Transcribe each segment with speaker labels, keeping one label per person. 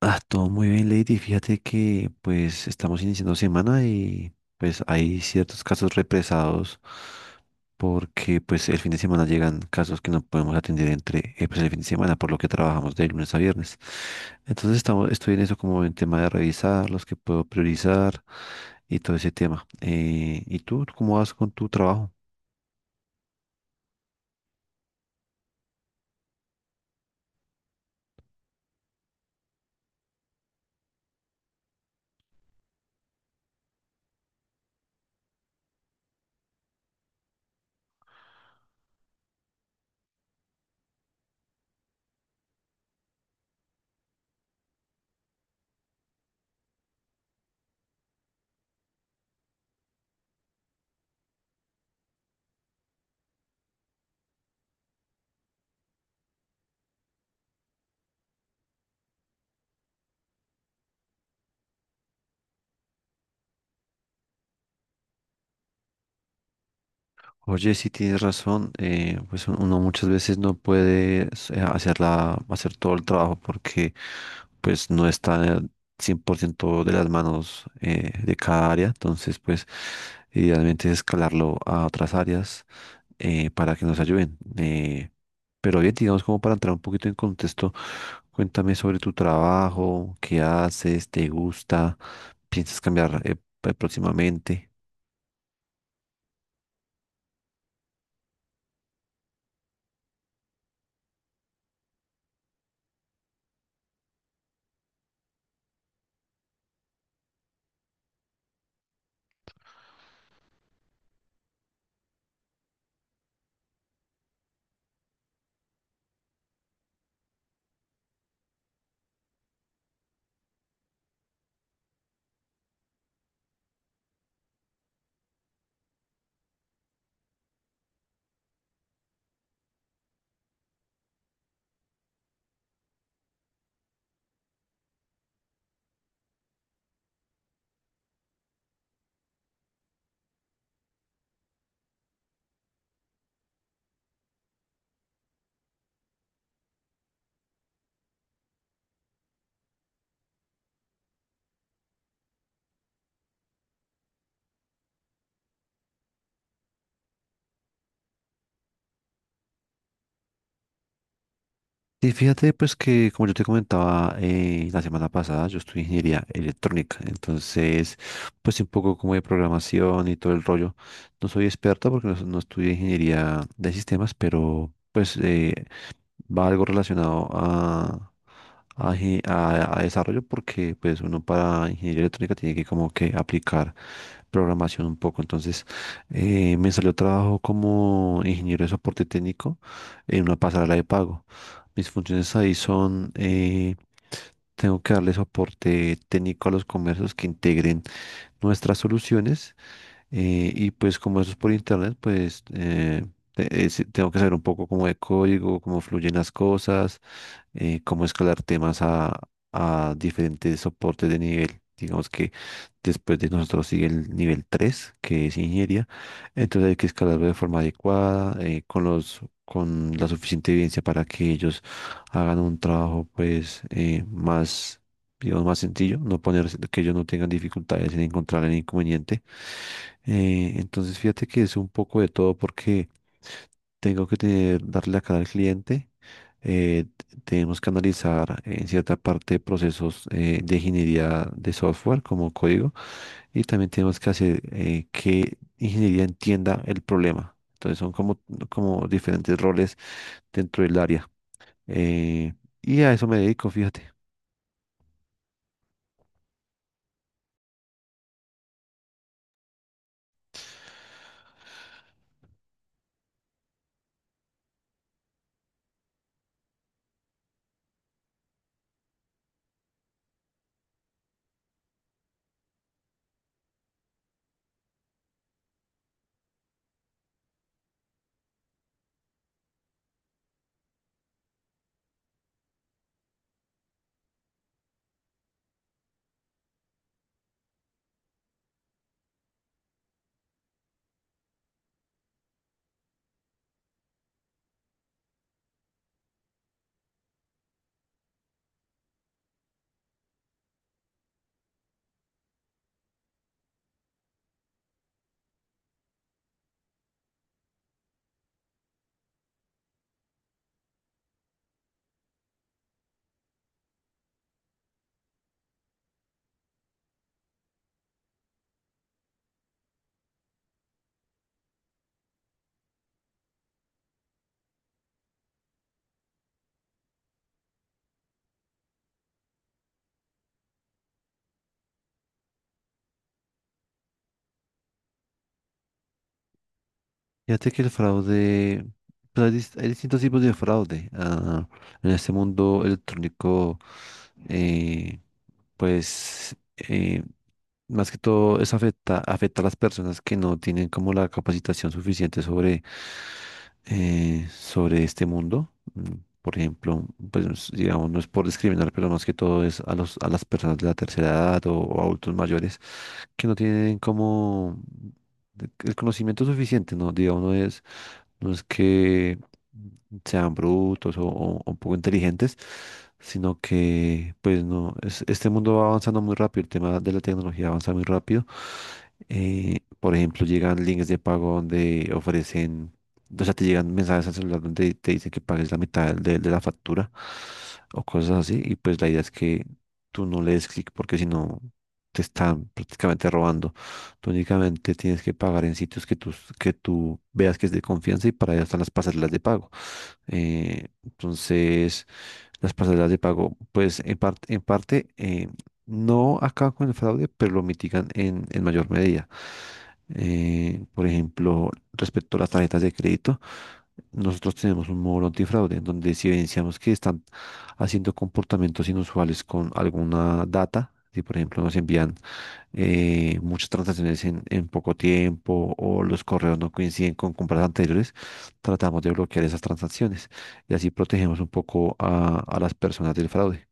Speaker 1: Ah, todo muy bien, Lady. Fíjate que pues estamos iniciando semana y pues hay ciertos casos represados porque pues el fin de semana llegan casos que no podemos atender entre pues, el fin de semana por lo que trabajamos de lunes a viernes. Estoy en eso como en tema de revisar los que puedo priorizar y todo ese tema. ¿Y tú cómo vas con tu trabajo? Oye, sí tienes razón, pues uno muchas veces no puede hacer hacer todo el trabajo porque pues no está 100% de las manos de cada área, entonces pues idealmente es escalarlo a otras áreas, para que nos ayuden. Pero bien, digamos como para entrar un poquito en contexto, cuéntame sobre tu trabajo, qué haces, te gusta, piensas cambiar próximamente. Y fíjate, pues que como yo te comentaba la semana pasada, yo estudio ingeniería electrónica, entonces pues sí, un poco como de programación y todo el rollo. No soy experto porque no estudié ingeniería de sistemas, pero pues va algo relacionado a desarrollo porque pues uno para ingeniería electrónica tiene que como que aplicar programación un poco. Entonces me salió trabajo como ingeniero de soporte técnico en una pasarela de pago. Mis funciones ahí son, tengo que darle soporte técnico a los comercios que integren nuestras soluciones. Y pues como eso es por internet, pues, sí, tengo que saber un poco como de código, cómo fluyen las cosas, cómo escalar temas a diferentes soportes de nivel. Digamos que después de nosotros sigue el nivel 3 que es ingeniería. Entonces hay que escalarlo de forma adecuada, con la suficiente evidencia para que ellos hagan un trabajo más, digamos, más sencillo, no poner que ellos no tengan dificultades en encontrar el inconveniente. Entonces, fíjate que es un poco de todo porque tengo que darle a cada cliente. Tenemos que analizar en cierta parte procesos de ingeniería de software como código y también tenemos que hacer que ingeniería entienda el problema. Entonces son como, como diferentes roles dentro del área. Eh, y a eso me dedico, fíjate. Fíjate que el fraude, hay distintos tipos de fraude. En este mundo electrónico, eh, pues eh, más que todo eso afecta a las personas que no tienen como la capacitación suficiente sobre, sobre este mundo. Mm, por ejemplo, pues digamos, no es por discriminar, pero más que todo es a a las personas de la tercera edad o adultos mayores que no tienen como el conocimiento suficiente, ¿no? Digamos, no es que sean brutos o poco inteligentes, sino que, pues no, este mundo va avanzando muy rápido, el tema de la tecnología avanza muy rápido. Por ejemplo, llegan links de pago donde ofrecen, o sea, te llegan mensajes al celular donde te dicen que pagues la mitad de la factura o cosas así, y pues la idea es que tú no le des clic porque si no, te están prácticamente robando. Tú únicamente tienes que pagar en sitios que tú veas que es de confianza y para allá están las pasarelas de pago. Entonces, las pasarelas de pago, pues en parte, no acaban con el fraude, pero lo mitigan en mayor medida. Por ejemplo, respecto a las tarjetas de crédito, nosotros tenemos un módulo antifraude en donde si evidenciamos que están haciendo comportamientos inusuales con alguna data, si por ejemplo nos envían muchas transacciones en poco tiempo o los correos no coinciden con compras anteriores, tratamos de bloquear esas transacciones y así protegemos un poco a las personas del fraude.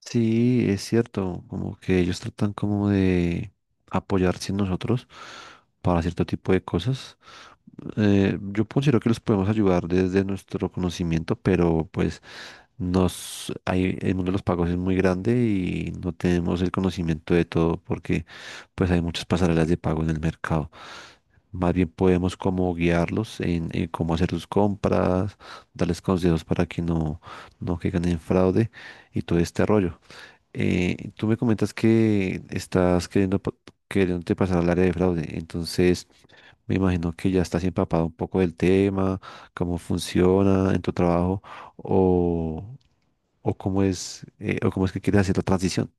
Speaker 1: Sí, es cierto, como que ellos tratan como de apoyarse en nosotros para cierto tipo de cosas. Yo considero que los podemos ayudar desde nuestro conocimiento, pero pues el mundo de los pagos es muy grande y no tenemos el conocimiento de todo porque pues hay muchas pasarelas de pago en el mercado. Más bien podemos como guiarlos en cómo hacer sus compras, darles consejos para que no caigan en fraude y todo este rollo. Tú me comentas que estás queriéndote pasar al área de fraude, entonces me imagino que ya estás empapado un poco del tema, cómo funciona en tu trabajo o cómo es que quieren hacer la transición.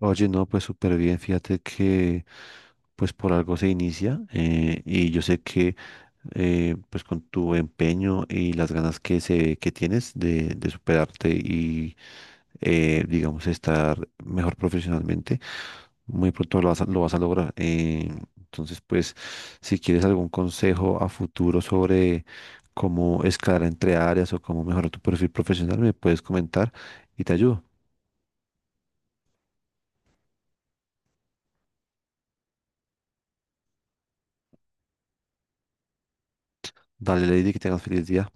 Speaker 1: Oye, no, pues súper bien, fíjate que pues por algo se inicia, y yo sé que pues con tu empeño y las ganas que tienes de superarte y, digamos, estar mejor profesionalmente, muy pronto lo vas a lograr. Entonces, pues si quieres algún consejo a futuro sobre cómo escalar entre áreas o cómo mejorar tu perfil profesional, me puedes comentar y te ayudo. Dale, Lady, que tengas feliz día.